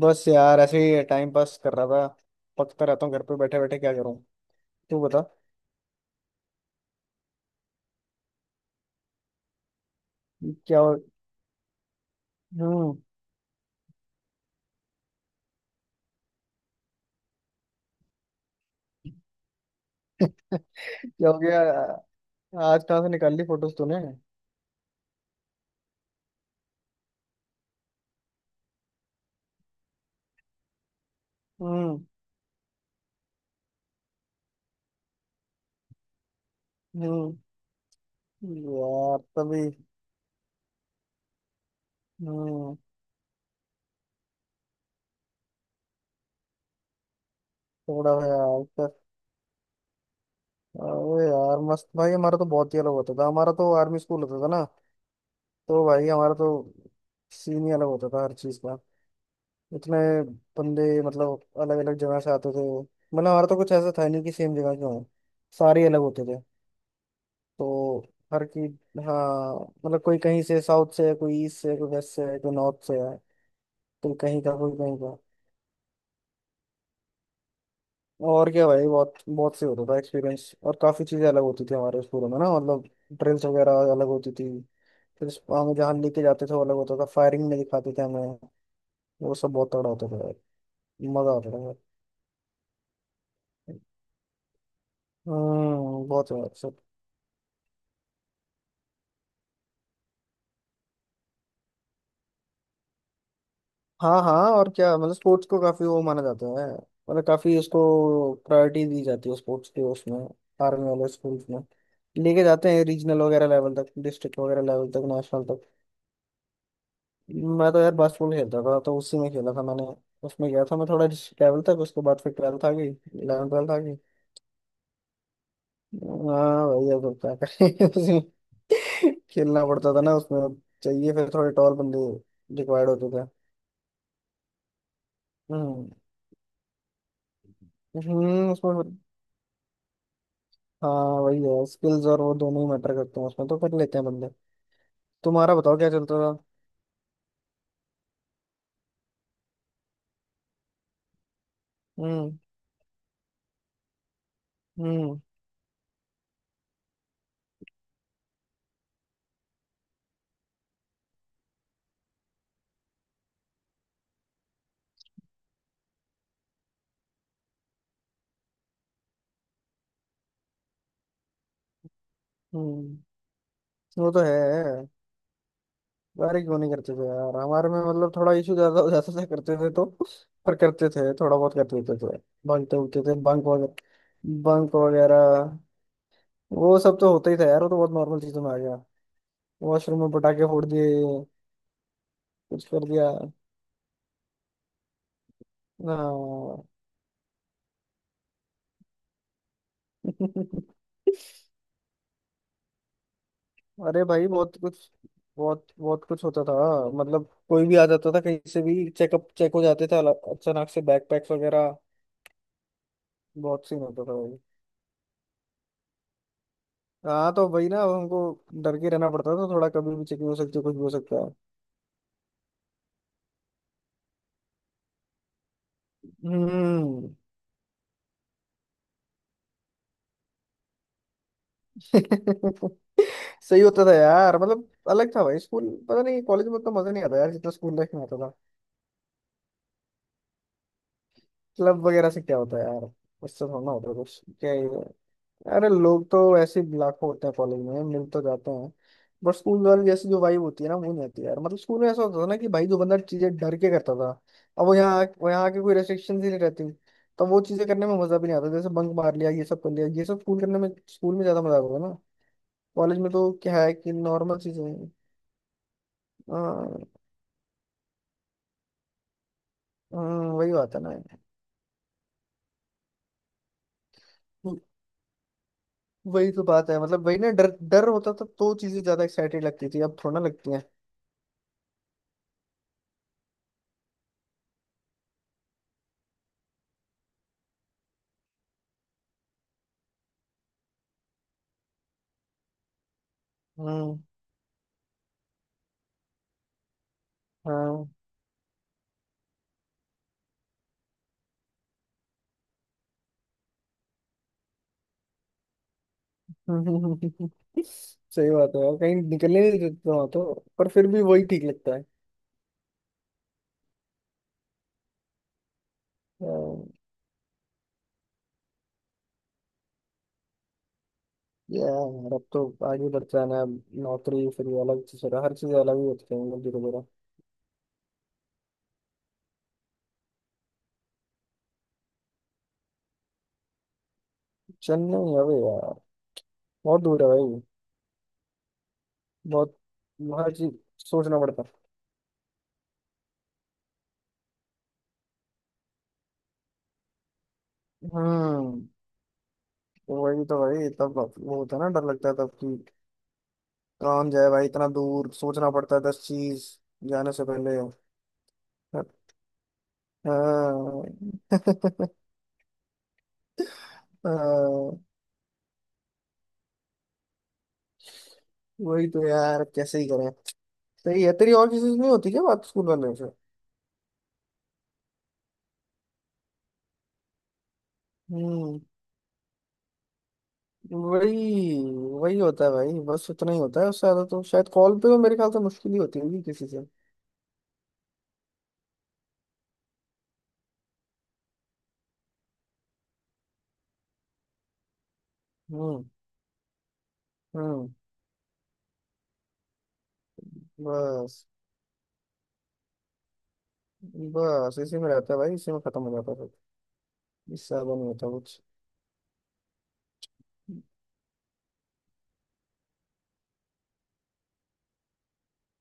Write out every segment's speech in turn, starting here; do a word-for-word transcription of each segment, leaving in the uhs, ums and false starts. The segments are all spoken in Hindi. बस यार ऐसे ही टाइम पास कर रहा था। पकता रहता हूँ घर पे बैठे बैठे, क्या करूँ। तू बता। क्या हो। हम्म। क्या हो गया? आज कहाँ से निकाल ली फोटोज तूने? हम्म। हम्म। यार तभी। हम्म। थोड़ा सा यार तो- अरे यार मस्त भाई, हमारा तो बहुत ही अलग होता था। हमारा तो आर्मी स्कूल होता था ना। तो भाई हमारा तो सीन ही अलग होता था हर चीज का। इतने बंदे मतलब अलग अलग जगह से आते थे, मतलब हमारा तो कुछ ऐसा था नहीं कि सेम जगह के हों। सारे अलग होते थे तो। हर की। हाँ। मतलब कोई कहीं से साउथ से है, कोई ईस्ट से है, कोई वेस्ट से है, कोई नॉर्थ से है। कोई कहीं का कोई कहीं का। और क्या भाई, बहुत बहुत से होता था एक्सपीरियंस, और काफ़ी चीज़ें अलग होती थी हमारे स्कूलों में ना, मतलब ड्रिल्स वगैरह अलग होती थी। फिर इस- हमें जहाँ लेके जाते थे वो अलग होता था, फायरिंग में दिखाते थे हमें। वो सब बहुत तगड़ा होता था यार। मज़ा आता था यार। हम्म। बहुत। हाँ हाँ, और क्या, मतलब स्पोर्ट्स को काफी वो माना जाता है, मतलब काफी उसको प्रायोरिटी दी जाती है, स्पोर्ट्स के उसमें, आर्मी वाले स्कूल्स में। लेके जाते हैं रीजनल वगैरह लेवल तक, डिस्ट्रिक्ट वगैरह लेवल तक, नेशनल तक। मैं तो यार बास्केटबॉल खेलता था, तो उसी में खेला था मैंने। उसमें गया था मैं थोड़ा डिस्ट्रिक्ट लेवल तक, उसके बाद फिर ट्वेल्थ आ गई, इलेवन ट्वेल्थ आ गई। हाँ भैया, तो क्या करें। उसी में खेलना पड़ता था ना उसमें। चाहिए फिर थोड़े टॉल बंदे, रिक्वायर्ड होते थे। हम्म। हम्म, उसमें। हाँ। वही है स्किल्स और वो, दोनों ही मैटर करते हैं उसमें, तो कर लेते हैं बंदे। तुम्हारा बताओ, क्या चलता था? हम्म। हम्म। हम्म। वो तो है। बारी क्यों नहीं करते थे यार, हमारे में मतलब थोड़ा इशू ज्यादा हो जाता था, करते थे तो। पर करते थे, थोड़ा बहुत कर लेते थे तो। भागते उठते थे, बंक वगैरह। बंक वगैरह वो सब तो होता ही था यार, वो तो बहुत नॉर्मल चीजों में आ गया। वॉशरूम में पटाखे फोड़ दिए, कुछ कर दिया। हाँ। अरे भाई बहुत कुछ, बहुत बहुत कुछ होता था। मतलब कोई भी आ जाता था कहीं से भी, चेकअप चेक हो जाते थे अला- अचानक से, बैकपैक्स वगैरह। बहुत सीन होता था भाई। हाँ तो वही ना, अब हमको डर के रहना पड़ता था, तो थोड़ा कभी भी चेकिंग हो सकती है, कुछ भी हो सकता है। हम्म। सही होता था यार, मतलब अलग था भाई स्कूल। पता नहीं कॉलेज में उतना मजा नहीं आता यार जितना स्कूल लाइफ में आता था। क्लब वगैरह से क्या होता है यार? उससे थोड़ा ना होता कुछ, क्या ही है। अरे लोग तो ऐसे ही लाखों होते हैं कॉलेज में, मिल तो जाते हैं। बट स्कूल वाली जैसी जो वाइब होती है ना, वो नहीं आती यार। मतलब स्कूल में ऐसा होता था ना कि भाई जो बंदा चीजें डर के करता था, अब वो यहाँ वो यहाँ के कोई रेस्ट्रिक्शन ही नहीं रहती। तो वो चीजें करने में मजा भी नहीं आता, जैसे बंक मार लिया ये सब, कर लिया ये सब, स्कूल करने में, स्कूल में ज्यादा मजा आता था ना। कॉलेज में तो क्या है कि नॉर्मल चीजें हैं। हाँ। हाँ। वही बात है ना। वो- वही तो बात है, मतलब वही ना, डर डर होता था तो चीजें ज्यादा एक्साइटेड लगती थी, अब थोड़ा ना लगती है। हम्म। हाँ। हम्म, सही बात है यार, कहीं निकलने नहीं देते वहां तो, पर फिर भी वही ठीक लगता है। अम, यार अब तो आगे बढ़ जाना है, अब नौकरी, फिर ये अलग चीज, हर चीज अलग ही होती है मतलब, धीरे धीरे। चेन्नई अबे यार, बहुत दूर है भाई। बहुत। हर चीज सोचना पड़ता है। हम्म। वही तो भाई, तब वो होता है ना, डर लगता है तब कि कौन जाए भाई इतना दूर, सोचना पड़ता है दस चीज, जाने से पहले। हाँ। हाँ, वही तो यार कैसे ही करें। सही है, तेरी और किसी से नहीं होती क्या बात, स्कूल वाले से? हम्म। वही वही होता है भाई, बस उतना ही होता है, उससे ज्यादा तो शायद कॉल पे तो मेरे ख्याल से मुश्किल ही होती होगी किसी से। हम्म। हम्म। बस बस इसी में रहता है भाई, इसी में खत्म हो जाता है फिर, इससे ज्यादा नहीं होता कुछ।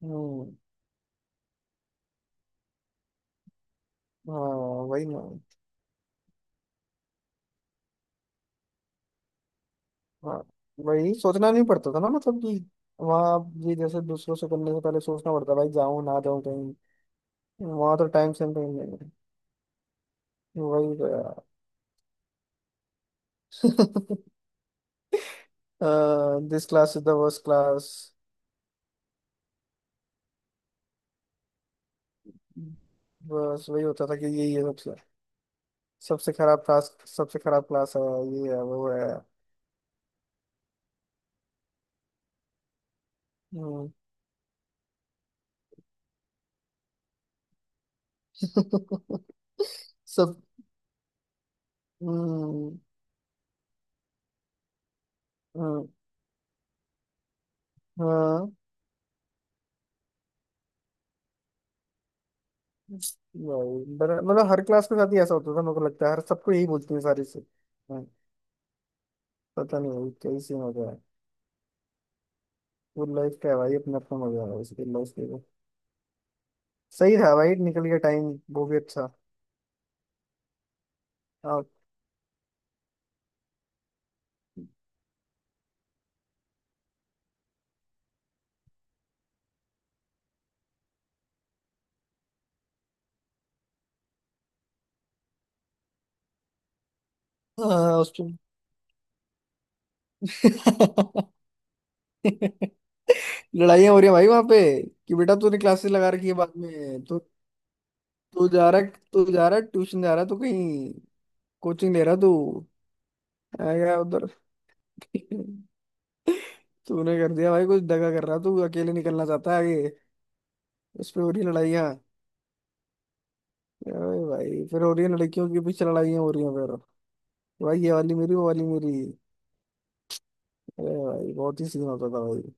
हम्म। हाँ। वही ना। हाँ। वही सोचना नहीं पड़ता था ना मतलब कि, वहाँ आप ये जैसे दूसरों से करने से पहले सोचना पड़ता, भाई जाऊँ ना जाऊँ कहीं। वहाँ तो टाइम से कहीं नहीं है। वही तो यार। This class is the worst class. बस वही होता था कि यही है सबसे, सबसे खराब क्लास, सबसे खराब क्लास है, ये है वो है। हम्म। सब। हम्म, हम्म, हाँ। भाई, बड़ा- मतलब हर क्लास के साथ ही ऐसा होता था, मेरे को लगता है हर सबको यही बोलती है सारी से। हाँ, पता नहीं भाई कैसी मजा है, वो लाइफ का है भाई, अपना अपना मजा है उसकी लाइफ के लिए। सही था भाई, निकल गया टाइम वो भी अच्छा। हाँ। हाँ, उस। लड़ाइयाँ हो रही है भाई वहां पे कि बेटा तूने क्लासेस लगा रखी है बाद में तो। तू जा रहा है, तू जा रहा है ट्यूशन, जा रहा है तू कहीं, कोचिंग ले रहा है तू। आ गया उधर। तूने कर दिया भाई कुछ, दगा कर रहा है, तू अकेले निकलना चाहता है आगे। उस पे हो रही लड़ाइयाँ। अरे भाई फिर हो रही है लड़कियों के पीछे लड़ाइयाँ हो रही हैं फिर, भाई ये वाली मेरी, वो वाली मेरी। अरे भाई बहुत ही सीन होता था भाई।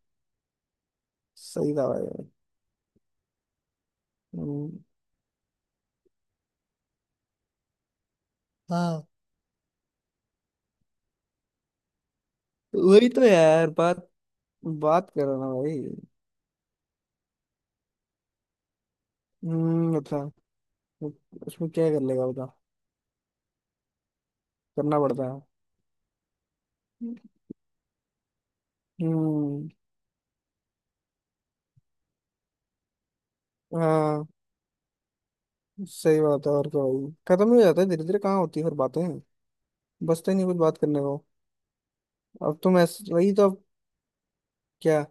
सही था भाई। हम्म, हाँ वही तो यार, बात बात करो ना भाई। हम्म। अच्छा। वो- उसमें क्या कर लेगा बता। करना पड़ता है। हम्म। हाँ, सही बात है और क्या भाई, खत्म ही हो जाता है धीरे धीरे, कहाँ होती है फिर बातें, बचता ही नहीं कुछ बात करने को। अब तो मैं, वही तो अब, क्या।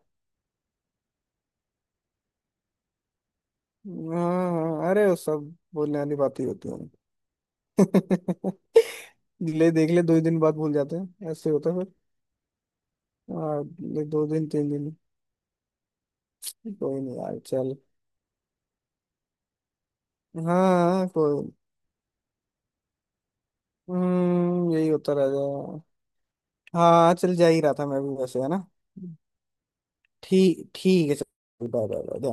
हाँ हाँ, अरे वो सब बोलने वाली बातें ही होती हैं। ले देख ले, दो ही दिन बाद भूल जाते हैं, ऐसे होता है फिर। हाँ, एक दो दिन, तीन दिन। कोई नहीं यार, चल। हाँ कोई। हम्म, यही होता रहेगा। हाँ, चल जा ही रहा था मैं भी वैसे, है ना। ठीक ठीक है चलो, बाय बाय बाय, ध्यान